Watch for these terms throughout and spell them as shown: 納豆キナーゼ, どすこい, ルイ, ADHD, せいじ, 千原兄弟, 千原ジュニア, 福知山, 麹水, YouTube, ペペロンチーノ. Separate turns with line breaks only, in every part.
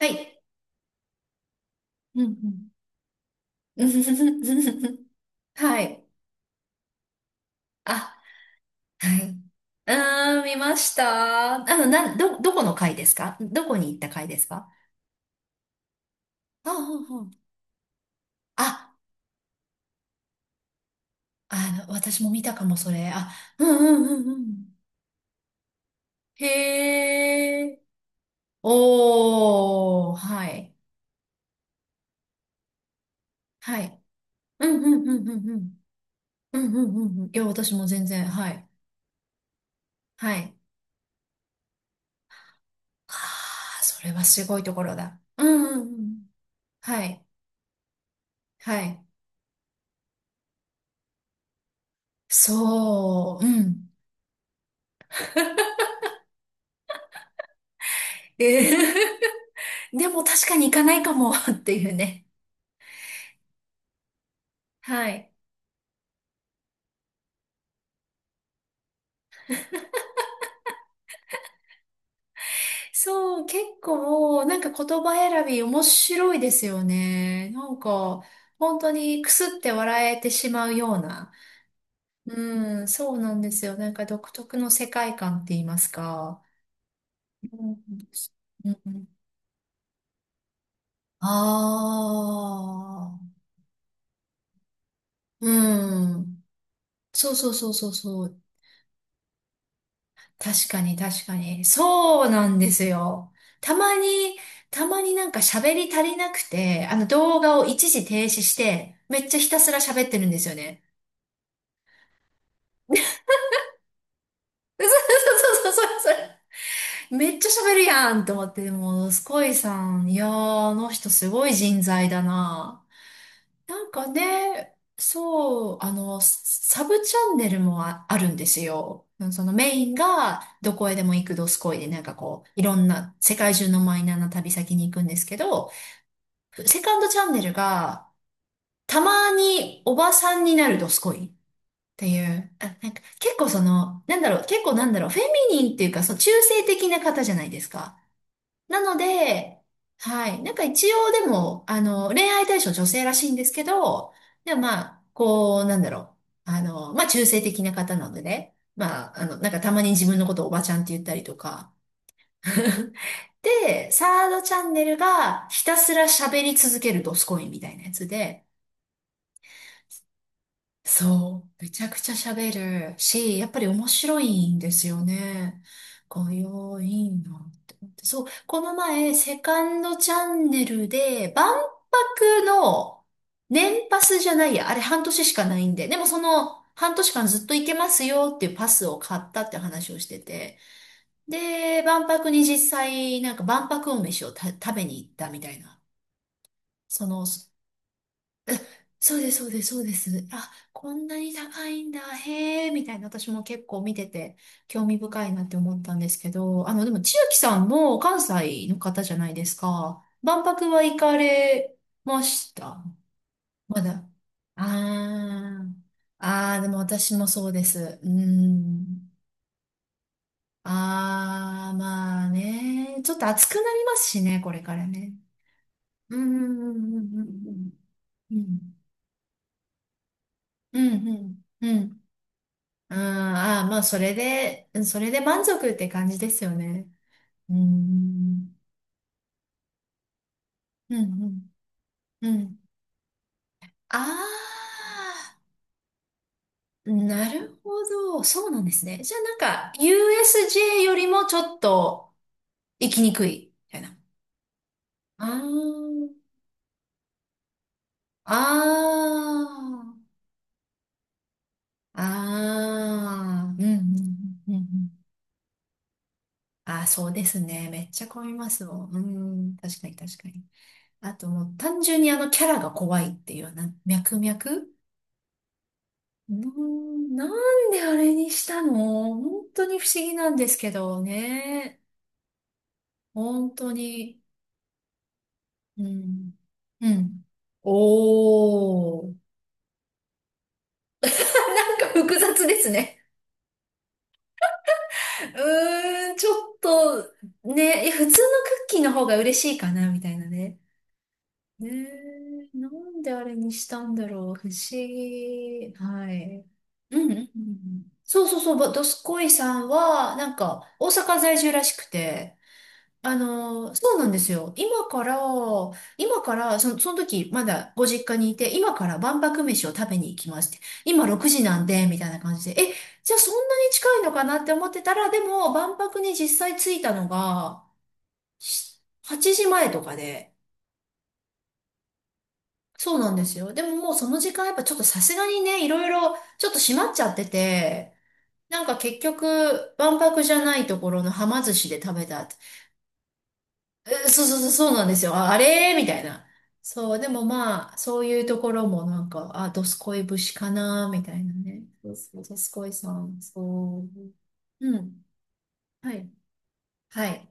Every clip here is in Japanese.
はい。うんうん。はい。あ、はい。うーん、見ました。なん、ど、どこの回ですか？どこに行った回ですか？あ、うんうん。あ、私も見たかも、それ。あ、うんうんうんうん。へえ。おー、はい。はい。うんうんうんうんうん。うんうんうんうん。いや、私も全然、はい。はい。ああ、それはすごいところだ。うんうんうん。はい。はい。そう、うん。えー でも確かに行かないかも っていうね。はい。そう、結構、なんか言葉選び面白いですよね。なんか、本当にくすって笑えてしまうような。うん、そうなんですよ。なんか独特の世界観って言いますか。うん、うん、ああー、うん。そうそうそうそうそう。確かに確かに。そうなんですよ。たまに、たまになんか喋り足りなくて、あの動画を一時停止して、めっちゃひたすら喋ってるんですよね。そうそうそうそうそう。めっちゃ喋るやんと思って、でも、スコイさん、いやー、あの人すごい人材だな。なんかね、そう、サブチャンネルもあるんですよ。そのメインが、どこへでも行くどすこいで、なんかこう、いろんな、世界中のマイナーな旅先に行くんですけど、セカンドチャンネルが、たまにおばさんになるどすこいっていう、あ、なんか結構、なんだろう、フェミニンっていうか、その中性的な方じゃないですか。なので、はい。なんか一応でも、恋愛対象女性らしいんですけど、でもまあ、こう、なんだろう。まあ中性的な方なのでね。まあ、なんかたまに自分のことをおばちゃんって言ったりとか。で、サードチャンネルがひたすら喋り続けるドスコインみたいなやつで、そう、めちゃくちゃ喋るし、やっぱり面白いんですよね。こう、よういいなって思って。そう、この前、セカンドチャンネルで、万博の年パスじゃないや、あれ半年しかないんで、でもその半年間ずっと行けますよっていうパスを買ったって話をしてて、で、万博に実際、なんか万博お飯を食べに行ったみたいな。その、そうです、そうです、そうです。あ、こんなに高いんだ、へえ、みたいな、私も結構見てて、興味深いなって思ったんですけど、でも、千秋さんも関西の方じゃないですか。万博は行かれました？まだ。あー、あー、でも私もそうです。うん。あー、まあね、ちょっと暑くなりますしね、これからね。うん、うん、うん、うん、うん。うん、うん、うん、うん。うん、ああ、まあ、それで、うんそれで満足って感じですよね。うん。うん、うん。うん。ああ、なるほど。そうなんですね。じゃあ、なんか、USJ よりもちょっと行きにくい、みたいな。ああ、ああ、あーうん、うん、うん、うん。あーそうですね。めっちゃ混みますもん。うん、確かに確かに。あともう単純にあのキャラが怖いっていうような、脈々うーん、なんであれにしたの本当に不思議なんですけどね。本当に。うん。うん。おー。なんか複雑ですね。うーん、ちょっと、ね、いや、普通のクッキーの方が嬉しいかな、みたいなね。ねえ、なんであれにしたんだろう。不思議。はい。うんうんうん。そうそうそう、どすこいさんは、なんか、大阪在住らしくて、そうなんですよ。今から、その時、まだご実家にいて、今から万博飯を食べに行きますって。今6時なんで、みたいな感じで。え、じゃあそんなに近いのかなって思ってたら、でも、万博に実際着いたのが、8時前とかで。そうなんですよ。でももうその時間、やっぱちょっとさすがにね、いろいろ、ちょっと閉まっちゃってて、なんか結局、万博じゃないところのはま寿司で食べた。そうそうそう、そうなんですよ。あ、あれみたいな。そう、でもまあ、そういうところもなんか、あ、どすこい節かなみたいなね。そうそう、どすこいさん、そう。うん。はい。はい。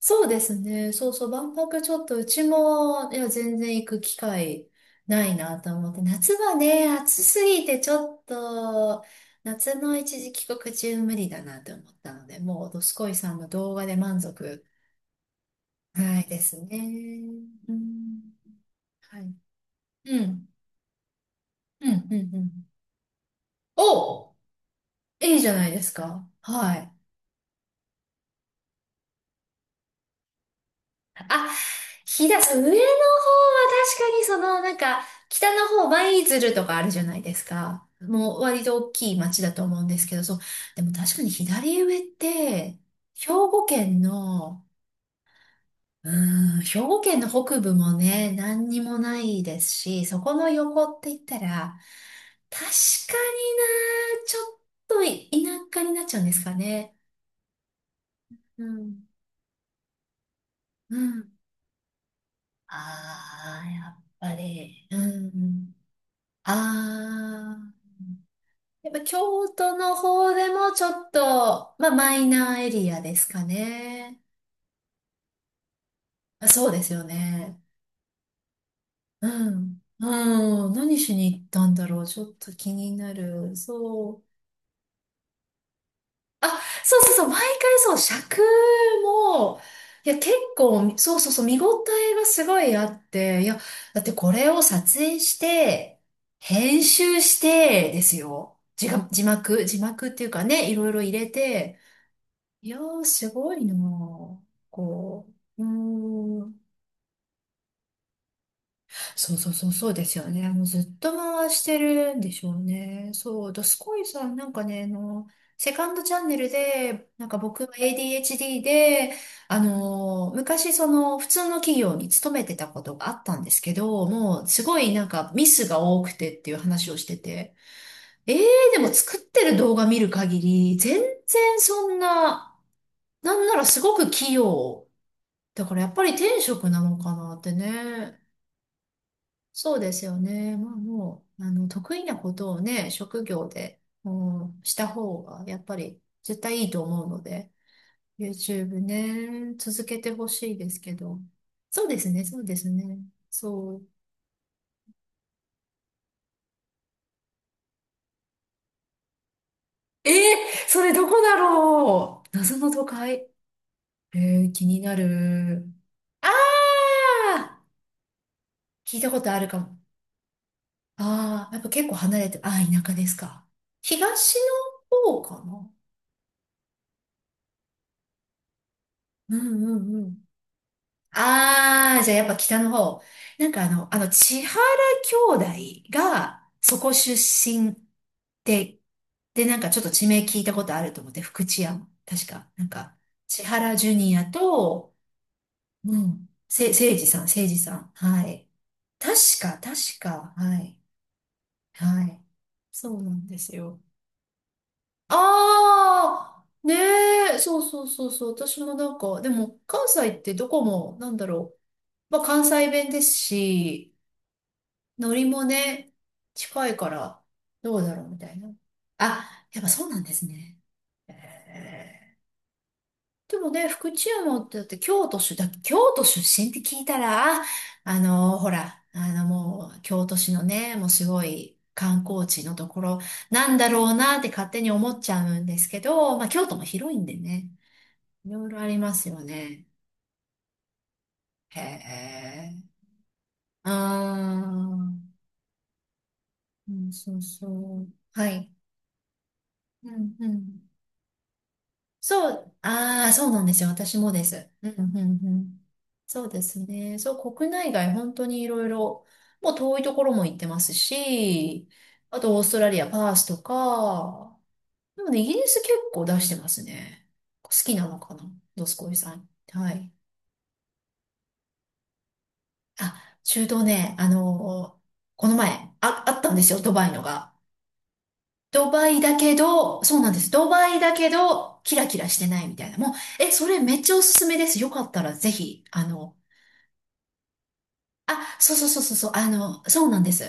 そうですね。そうそう、万博ちょっと、うちも、いや、全然行く機会ないなと思って。夏はね、暑すぎてちょっと、夏の一時帰国中無理だなと思ったので、もう、どすこいさんの動画で満足。はいですね。うんはい。うん。うん、うん、うん。お、いいじゃないですか。はい。あ、飛騨、そう上の方は確かになんか、北の方、舞鶴とかあるじゃないですか。もう割と大きい町だと思うんですけど、そう。でも確かに左上って、兵庫県の、うん、兵庫県の北部もね、何にもないですし、そこの横って言ったら、確かにな、ちょっと田舎になっちゃうんですかね。うんうん。ああ、やっぱり。うん。ああ、やっぱ京都の方でもちょっと、まあ、マイナーエリアですかね。あ、そうですよね。うん。うん。何しに行ったんだろう。ちょっと気になる。そう。あ、そうそうそう、毎回そう、尺も、いや、結構、そうそうそう、見応えがすごいあって、いや、だってこれを撮影して、編集して、ですよ。字幕っていうかね、いろいろ入れて、いやー、すごいなーこう、うーん。そうそうそう、そうですよね。もうずっと回してるんでしょうね。そう、ドスコイさん、なんかね、セカンドチャンネルで、なんか僕は ADHD で、昔その普通の企業に勤めてたことがあったんですけど、もうすごいなんかミスが多くてっていう話をしてて、えー、でも作ってる動画見る限り、全然そんな、なんならすごく器用。だからやっぱり天職なのかなってね。そうですよね。まあもう、得意なことをね、職業で、もうした方が、やっぱり絶対いいと思うので、YouTube ね、続けてほしいですけど。そうですね、そうですね。そう。えー、それどこだろう謎の都会。気になる。ああ聞いたことあるかも。ああ、やっぱ結構離れて、ああ、田舎ですか。東の方かな。うんうんうん。ああ、じゃあやっぱ北の方。なんか千原兄弟がそこ出身で、で、なんかちょっと地名聞いたことあると思って、福知山。確か、なんか、千原ジュニアと、うん、せいじさん。はい。確確か、はい。はい。そうなんですよ。ああ、ねえ、そうそうそうそう。私もなんか、でも、関西ってどこも、なんだろう。まあ、関西弁ですし、ノリもね、近いから、どうだろうみたいな。あ、やっぱそうなんですね。えーでもね、福知山ってだって京都出身って聞いたら、ほら、もう、京都市のね、もうすごい観光地のところなんだろうなって勝手に思っちゃうんですけど、まあ京都も広いんでね、いろいろありますよね。へえ。ああ、うん、そうそう。はい。うん、うん。そう、ああ、そうなんですよ。私もです。うん、うん、うん。そうですね。そう、国内外、本当にいろいろ、もう遠いところも行ってますし、あとオーストラリア、パースとか、でもね、イギリス結構出してますね。好きなのかな、ドスコイさん。はい。あ、中東ね、この前、あったんですよ、ドバイのが。ドバイだけど、そうなんです。ドバイだけど、キラキラしてないみたいな。もう、それめっちゃおすすめです。よかったらぜひ、あ、そうそうそうそうそう、そうなんです。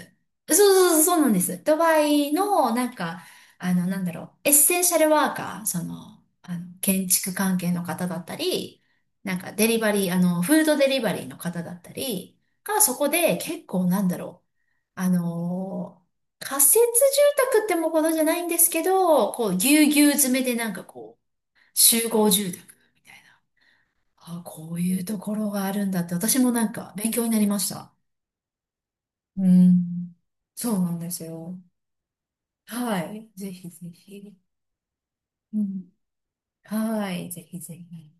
そうそうそう、そうなんです。ドバイの、なんか、エッセンシャルワーカー、建築関係の方だったり、なんかデリバリー、フードデリバリーの方だったりが、そこで結構なんだろう、仮設住宅ってもほどじゃないんですけど、こう、ぎゅうぎゅう詰めでなんかこう、集合住宅みたいな。あ、こういうところがあるんだって、私もなんか勉強になりました。うん。そうなんですよ。はい。ぜひぜひ。うん。はい。ぜひぜひ。